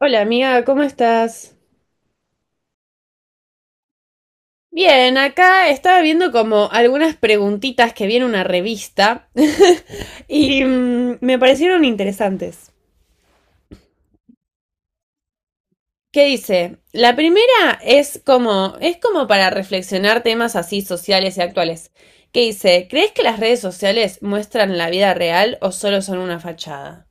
Hola amiga, ¿cómo estás? Bien, acá estaba viendo como algunas preguntitas que viene una revista y me parecieron interesantes. ¿Qué dice? La primera es como para reflexionar temas así sociales y actuales. ¿Qué dice? ¿Crees que las redes sociales muestran la vida real o solo son una fachada?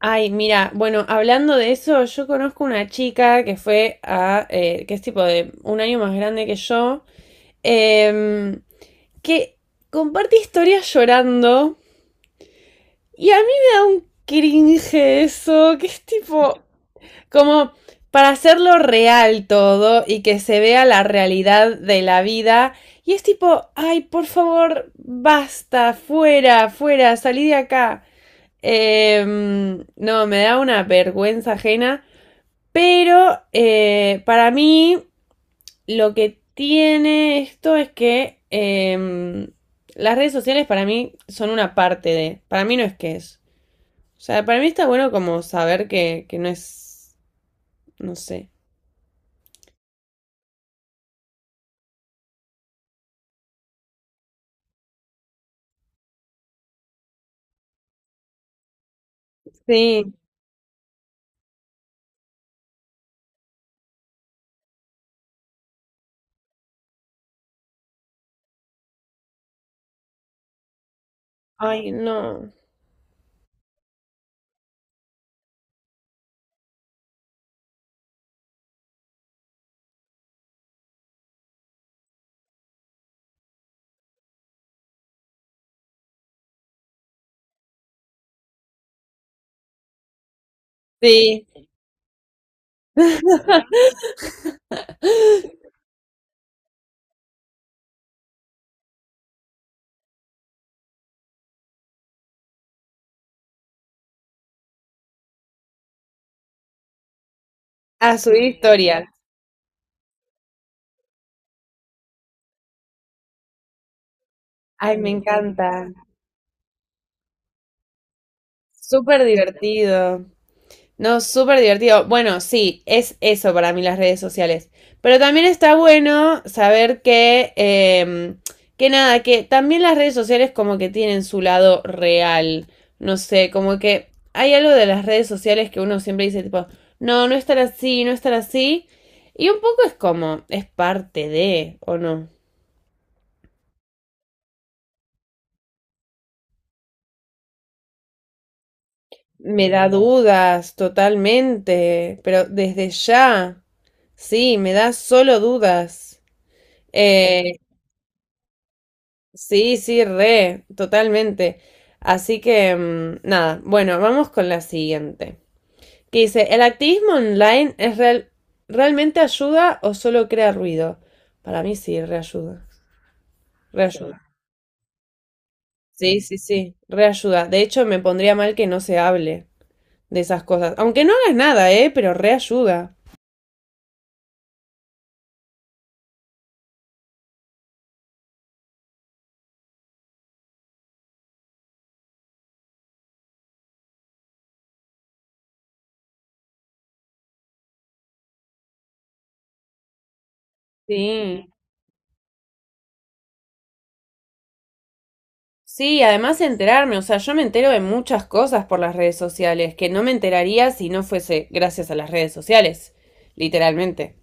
Ay, mira, bueno, hablando de eso, yo conozco una chica que fue a, que es tipo de un año más grande que yo, em, que comparte historias llorando. Y a mí me da un cringe eso, que es tipo, como para hacerlo real todo y que se vea la realidad de la vida. Y es tipo, ay, por favor, basta, fuera, fuera, salí de acá. No, me da una vergüenza ajena. Pero para mí lo que tiene esto es que las redes sociales para mí son una parte de, para mí no es que es. O sea, para mí está bueno como saber que no es, no sé. Sí, ay, no. Sí, a subir historias. Ay, me encanta. Súper divertido. No, súper divertido. Bueno, sí, es eso para mí las redes sociales. Pero también está bueno saber que nada, que también las redes sociales como que tienen su lado real. No sé, como que hay algo de las redes sociales que uno siempre dice tipo, no, no estar así, no estar así. Y un poco es como, es parte de, ¿o no? Me da dudas totalmente, pero desde ya, sí, me da solo dudas. Eh, Sí, sí, re, totalmente. Así que, nada, bueno, vamos con la siguiente. Que dice, ¿el activismo online realmente ayuda o solo crea ruido? Para mí sí, reayuda. Reayuda. Sí, sí, sí, reayuda. De hecho, me pondría mal que no se hable de esas cosas. Aunque no hagas nada, ¿eh? Pero reayuda. Sí. Sí, además enterarme, o sea, yo me entero de muchas cosas por las redes sociales, que no me enteraría si no fuese gracias a las redes sociales, literalmente.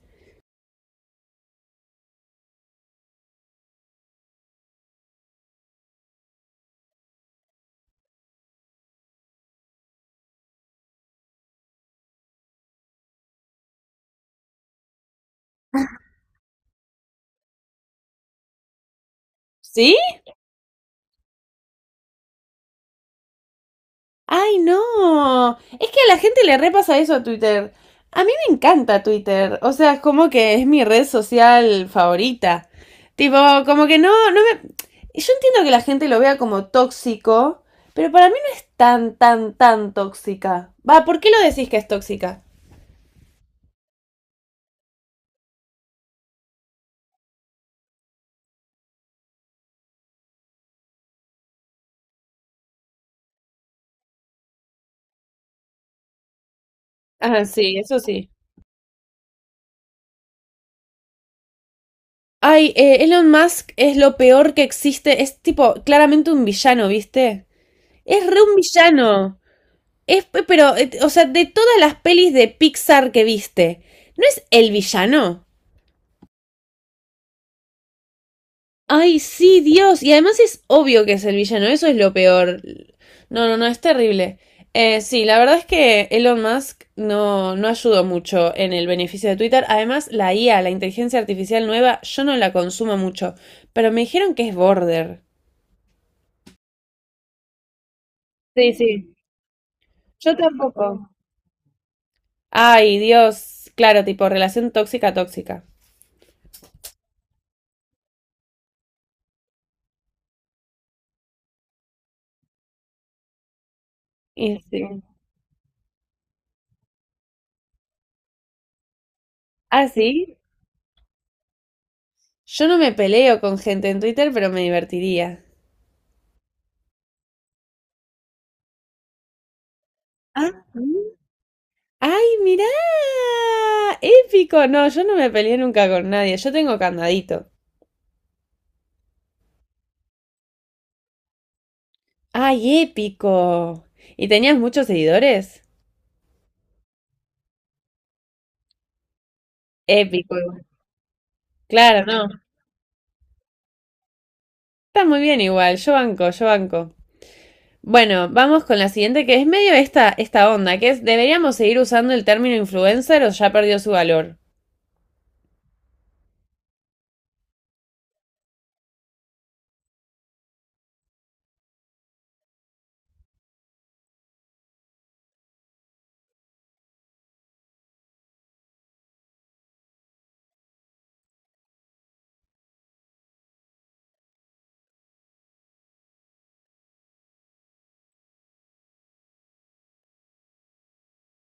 ¿Sí? Ay, no. Es que a la gente le repasa eso a Twitter. A mí me encanta Twitter, o sea, es como que es mi red social favorita. Tipo, como que no, no me... Yo entiendo que la gente lo vea como tóxico, pero para mí no es tan tóxica. Va, ¿por qué lo decís que es tóxica? Ah, sí, eso sí. Ay, Elon Musk es lo peor que existe. Es tipo, claramente un villano, ¿viste? Es re un villano. Es, pero, o sea, de todas las pelis de Pixar que viste, ¿no es el villano? Ay, sí, Dios. Y además es obvio que es el villano. Eso es lo peor. No, no, no, es terrible. Sí, la verdad es que Elon Musk no, no ayudó mucho en el beneficio de Twitter. Además, la IA, la inteligencia artificial nueva, yo no la consumo mucho. Pero me dijeron que es border. Sí, sí. Yo tampoco. Ay, Dios. Claro, tipo relación tóxica, tóxica. Y sí. Ah, sí. Yo no me peleo con gente en Twitter, pero me divertiría. Ah, sí. ¡Ay, mirá! ¡Épico! No, yo no me peleé nunca con nadie. Yo tengo candadito. ¡Ay, épico! ¿Y tenías muchos seguidores? Épico. Claro, no. Está muy bien igual. Yo banco, yo banco. Bueno, vamos con la siguiente, que es medio esta onda, que es, ¿deberíamos seguir usando el término influencer o ya perdió su valor?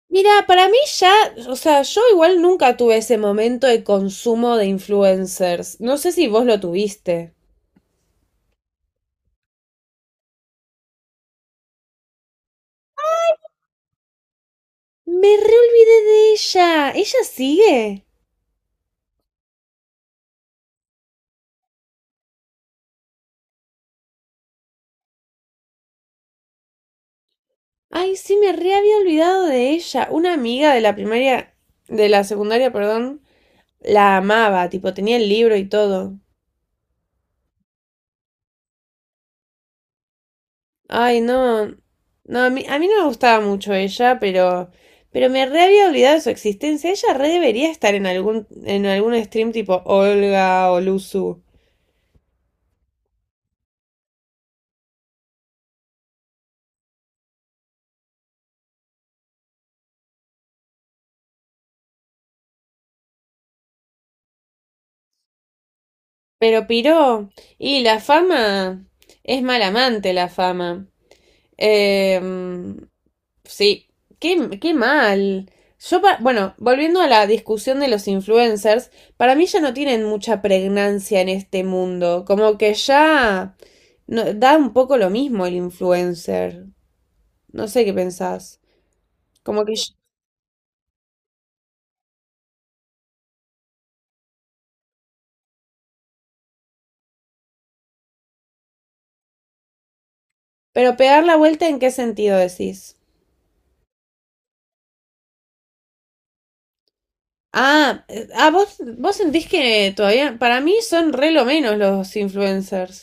Mira, para mí ya, o sea, yo igual nunca tuve ese momento de consumo de influencers. No sé si vos lo tuviste. Me reolvidé de ella. ¿Ella sigue? Ay, sí, me re había olvidado de ella. Una amiga de la primaria, de la secundaria, perdón, la amaba, tipo, tenía el libro y todo. Ay, no. No, a mí no me gustaba mucho ella, pero me re había olvidado de su existencia. Ella re debería estar en algún stream tipo Olga o Luzu. Pero piró. Y la fama es mal amante, la fama. Em, sí, qué, qué mal. Yo, bueno, volviendo a la discusión de los influencers, para mí ya no tienen mucha pregnancia en este mundo. Como que ya. No, da un poco lo mismo el influencer. No sé qué pensás. Como que yo... Pero pegar la vuelta, ¿en qué sentido decís? Ah, vos, vos sentís que todavía, para mí son re lo menos los influencers.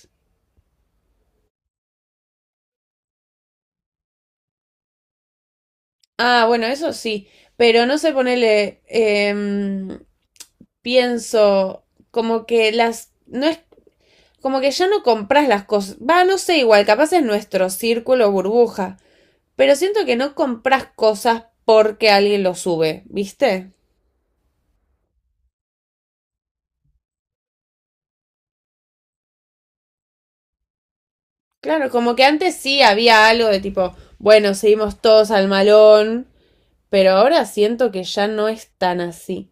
Ah, bueno, eso sí, pero no sé ponerle, pienso como que las, no es, como que ya no compras las cosas, va, no sé, igual, capaz es nuestro círculo burbuja, pero siento que no compras cosas porque alguien lo sube, ¿viste? Claro, como que antes sí había algo de tipo, bueno, seguimos todos al malón, pero ahora siento que ya no es tan así.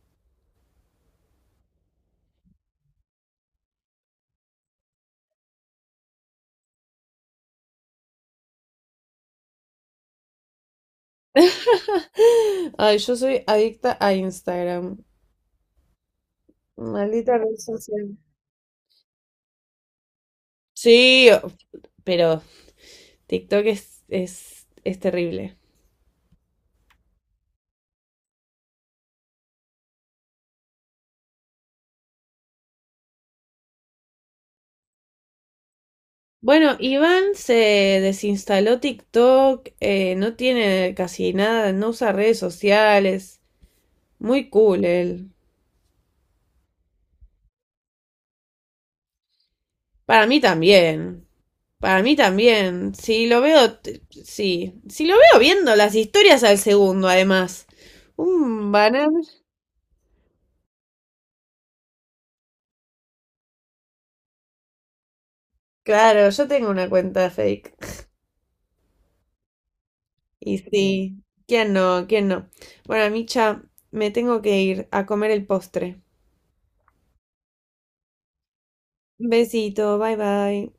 Ay, yo soy adicta a Instagram. Maldita red social. Sí, pero TikTok es terrible. Bueno, Iván se desinstaló TikTok, no tiene casi nada, no usa redes sociales. Muy cool él. Para mí también. Para mí también. Si lo veo, sí. Si lo veo viendo las historias al segundo, además. Un banner. Claro, yo tengo una cuenta fake. Y sí. ¿Quién no? ¿Quién no? Bueno, Micha, me tengo que ir a comer el postre. Besito, bye bye.